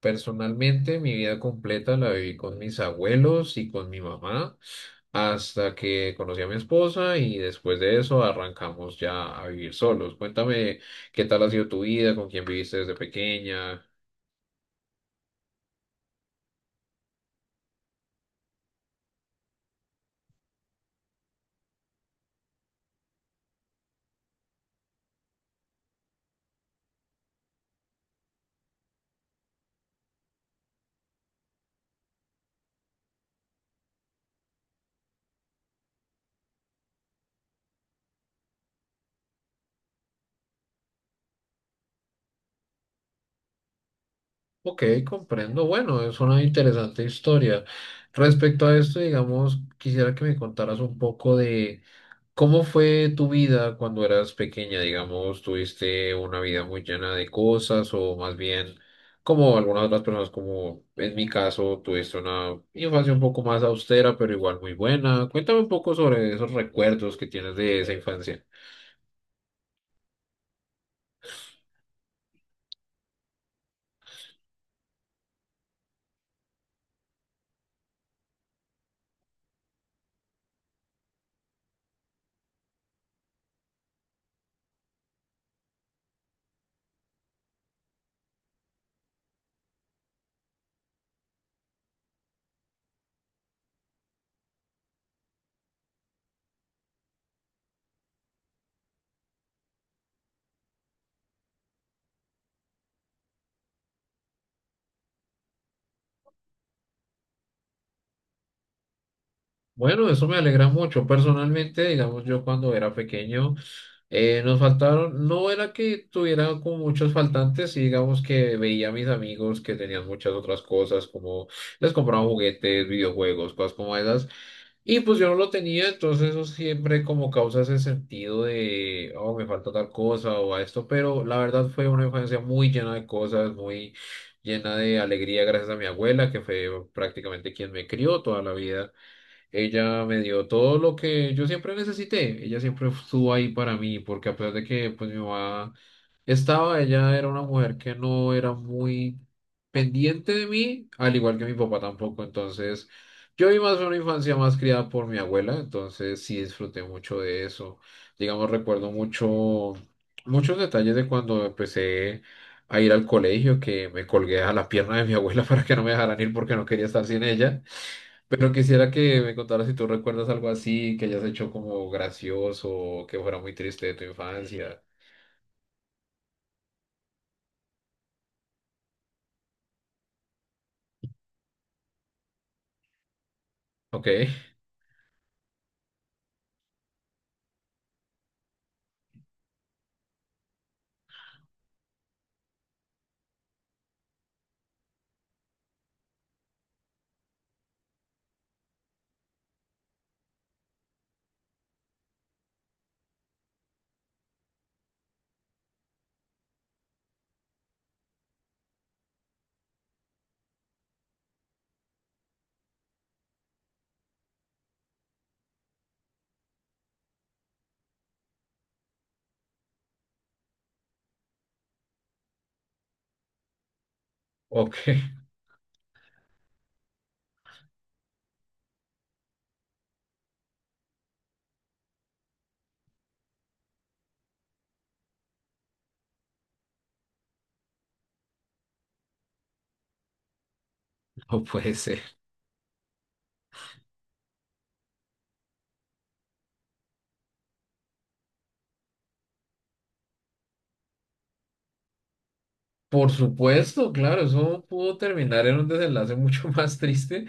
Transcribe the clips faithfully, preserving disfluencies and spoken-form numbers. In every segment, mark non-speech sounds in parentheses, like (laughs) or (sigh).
Personalmente, mi vida completa la viví con mis abuelos y con mi mamá hasta que conocí a mi esposa y después de eso arrancamos ya a vivir solos. Cuéntame qué tal ha sido tu vida, con quién viviste desde pequeña. Ok, comprendo. Bueno, es una interesante historia. Respecto a esto, digamos, quisiera que me contaras un poco de ¿cómo fue tu vida cuando eras pequeña? Digamos, ¿tuviste una vida muy llena de cosas o más bien, como algunas otras personas, como en mi caso, tuviste una infancia un poco más austera, pero igual muy buena? Cuéntame un poco sobre esos recuerdos que tienes de esa infancia. Bueno, eso me alegra mucho. Personalmente, digamos, yo cuando era pequeño, eh, nos faltaron, no era que tuviera como muchos faltantes, sí, digamos que veía a mis amigos que tenían muchas otras cosas, como les compraban juguetes, videojuegos, cosas como esas, y pues yo no lo tenía, entonces eso siempre como causa ese sentido de, oh, me falta tal cosa o a esto, pero la verdad fue una infancia muy llena de cosas, muy llena de alegría gracias a mi abuela, que fue prácticamente quien me crió toda la vida. Ella me dio todo lo que yo siempre necesité. Ella siempre estuvo ahí para mí, porque a pesar de que pues mi mamá estaba, ella era una mujer que no era muy pendiente de mí, al igual que mi papá tampoco. Entonces, yo vi más una infancia más criada por mi abuela, entonces sí disfruté mucho de eso. Digamos, recuerdo mucho, muchos detalles de cuando empecé a ir al colegio, que me colgué a la pierna de mi abuela (laughs) para que no me dejaran ir porque no quería estar sin ella. Pero quisiera que me contaras si tú recuerdas algo así, que hayas hecho como gracioso, que fuera muy triste de tu infancia. Ok, ok, (laughs) no puede ser. Por supuesto, claro, eso pudo terminar en un desenlace (laughs) mucho más triste,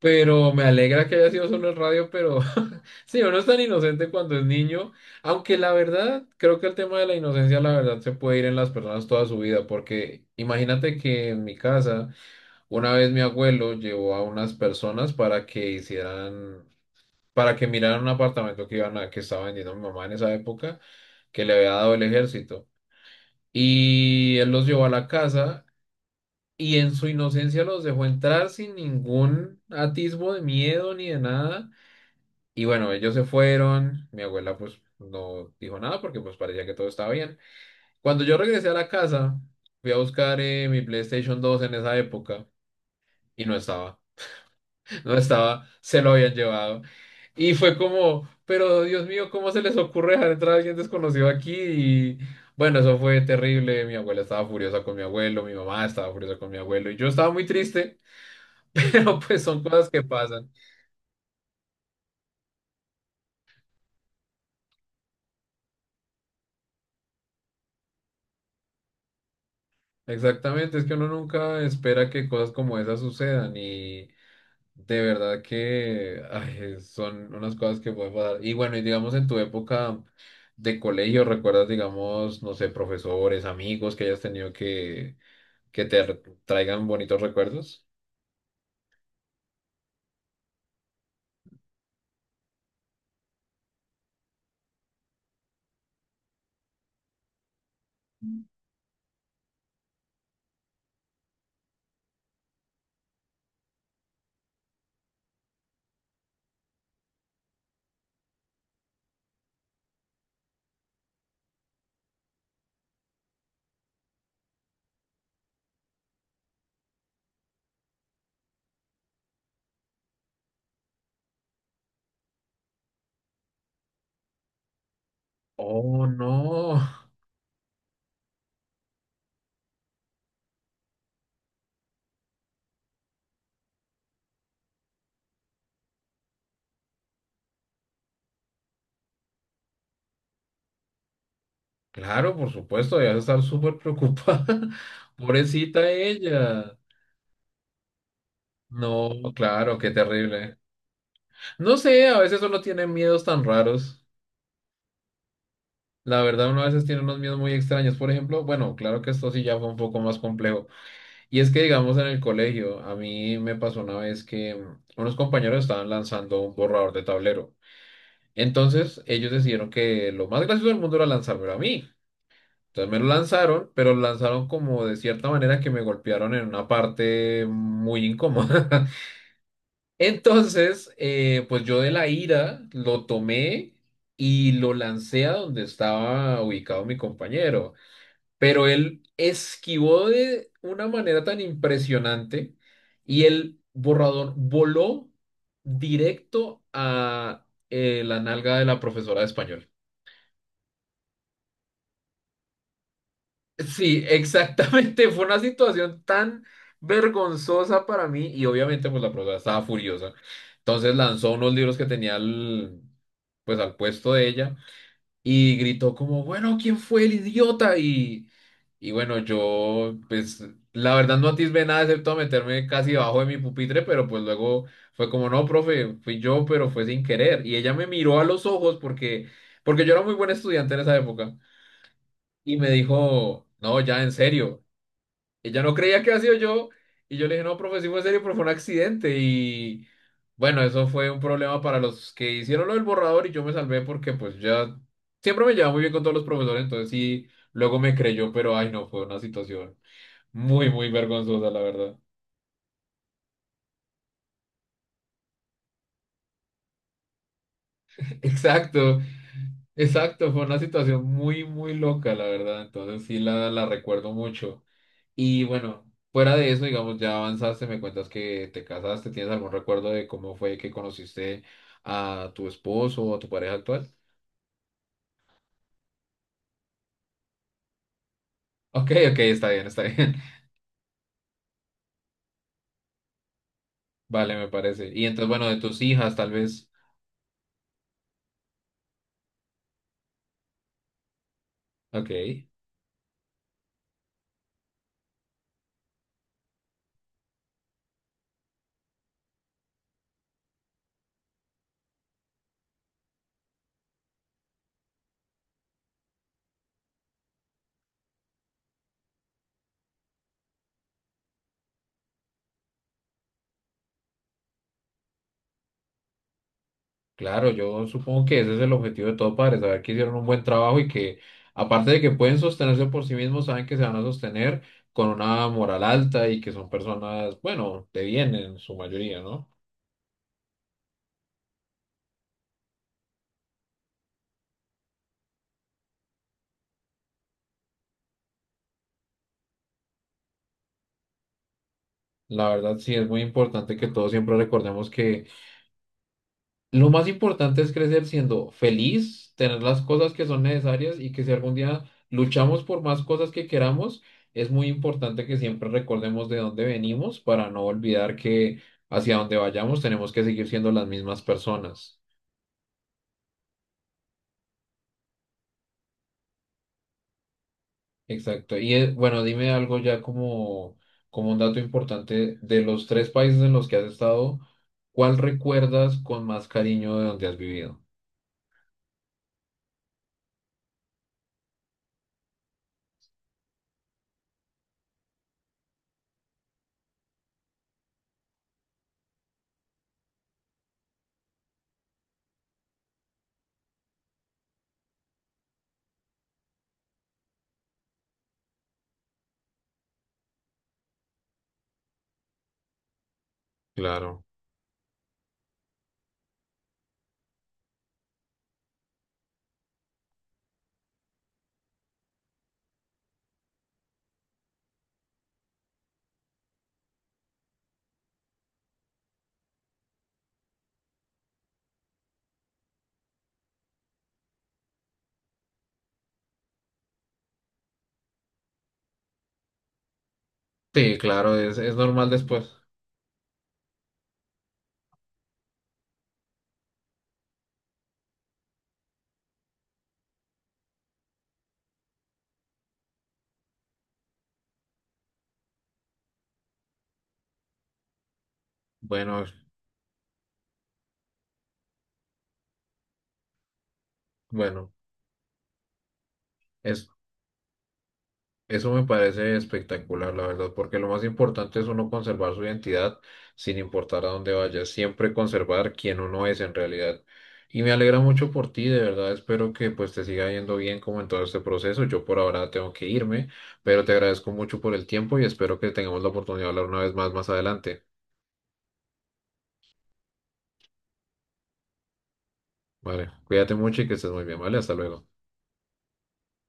pero me alegra que haya sido solo el radio, pero (laughs) sí, uno es tan inocente cuando es niño, aunque la verdad, creo que el tema de la inocencia, la verdad, se puede ir en las personas toda su vida, porque imagínate que en mi casa... Una vez mi abuelo llevó a unas personas para que hicieran, para que miraran un apartamento que iban a, que estaba vendiendo mi mamá en esa época, que le había dado el ejército. Y él los llevó a la casa y en su inocencia los dejó entrar sin ningún atisbo de miedo ni de nada. Y bueno, ellos se fueron. Mi abuela pues no dijo nada porque pues parecía que todo estaba bien. Cuando yo regresé a la casa, fui a buscar eh, mi play station dos en esa época y no estaba. No estaba, se lo habían llevado. Y fue como, pero Dios mío, ¿cómo se les ocurre dejar entrar a alguien desconocido aquí? Y bueno, eso fue terrible. Mi abuela estaba furiosa con mi abuelo, mi mamá estaba furiosa con mi abuelo y yo estaba muy triste, (laughs) pero pues son cosas que pasan. Exactamente, es que uno nunca espera que cosas como esas sucedan y de verdad que ay, son unas cosas que pueden pasar. Y bueno, y digamos en tu época de colegio, ¿recuerdas, digamos, no sé, profesores, amigos que hayas tenido que que te re- traigan bonitos recuerdos? Oh, no. Claro, por supuesto, debes estar súper preocupada. (laughs) Pobrecita ella. No, claro, qué terrible. No sé, a veces uno tiene miedos tan raros. La verdad, uno a veces tiene unos miedos muy extraños. Por ejemplo, bueno, claro que esto sí ya fue un poco más complejo. Y es que, digamos, en el colegio, a mí me pasó una vez que mm, unos compañeros estaban lanzando un borrador de tablero. Entonces, ellos decidieron que lo más gracioso del mundo era lanzármelo a mí. Entonces me lo lanzaron, pero lo lanzaron como de cierta manera que me golpearon en una parte muy incómoda. (laughs) Entonces, eh, pues yo de la ira lo tomé y lo lancé a donde estaba ubicado mi compañero, pero él esquivó de una manera tan impresionante y el borrador voló directo a eh, la nalga de la profesora de español. Sí, exactamente. (laughs) Fue una situación tan vergonzosa para mí y obviamente pues la profesora estaba furiosa. Entonces lanzó unos libros que tenía al, pues al puesto de ella y gritó como, bueno, ¿quién fue el idiota? Y, y bueno, yo pues la verdad no atisbé nada excepto a meterme casi debajo de mi pupitre, pero pues luego fue como, no, profe, fui yo, pero fue sin querer. Y ella me miró a los ojos porque, porque yo era muy buen estudiante en esa época. Y me dijo, no, ya en serio. Ella no creía que había sido yo y yo le dije, no, profe, sí fue en serio, pero fue un accidente y bueno, eso fue un problema para los que hicieron lo del borrador y yo me salvé porque pues ya siempre me llevaba muy bien con todos los profesores, entonces sí, luego me creyó, pero ay no, fue una situación muy, muy vergonzosa, la verdad. (laughs) Exacto, exacto, fue una situación muy, muy loca, la verdad, entonces sí la, la recuerdo mucho. Y bueno, fuera de eso, digamos, ya avanzaste, me cuentas que te casaste, ¿tienes algún recuerdo de cómo fue que conociste a tu esposo o a tu pareja actual? (laughs) Ok, ok, está bien, está bien. (laughs) Vale, me parece. Y entonces, bueno, de tus hijas, tal vez. Ok, claro, yo supongo que ese es el objetivo de todo padre, saber que hicieron un buen trabajo y que, aparte de que pueden sostenerse por sí mismos, saben que se van a sostener con una moral alta y que son personas, bueno, de bien en su mayoría, ¿no? La verdad sí es muy importante que todos siempre recordemos que lo más importante es crecer siendo feliz, tener las cosas que son necesarias y que si algún día luchamos por más cosas que queramos, es muy importante que siempre recordemos de dónde venimos para no olvidar que hacia donde vayamos tenemos que seguir siendo las mismas personas. Exacto. Y eh, bueno, dime algo ya como, como un dato importante de los tres países en los que has estado, ¿cuál recuerdas con más cariño de donde has vivido? Claro. Sí, claro, es, es normal después. Bueno, bueno. Es, eso me parece espectacular, la verdad, porque lo más importante es uno conservar su identidad sin importar a dónde vaya, siempre conservar quién uno es en realidad. Y me alegra mucho por ti, de verdad, espero que pues te siga yendo bien como en todo este proceso. Yo por ahora tengo que irme, pero te agradezco mucho por el tiempo y espero que tengamos la oportunidad de hablar una vez más más adelante. Vale, cuídate mucho y que estés muy bien, ¿vale? Hasta luego.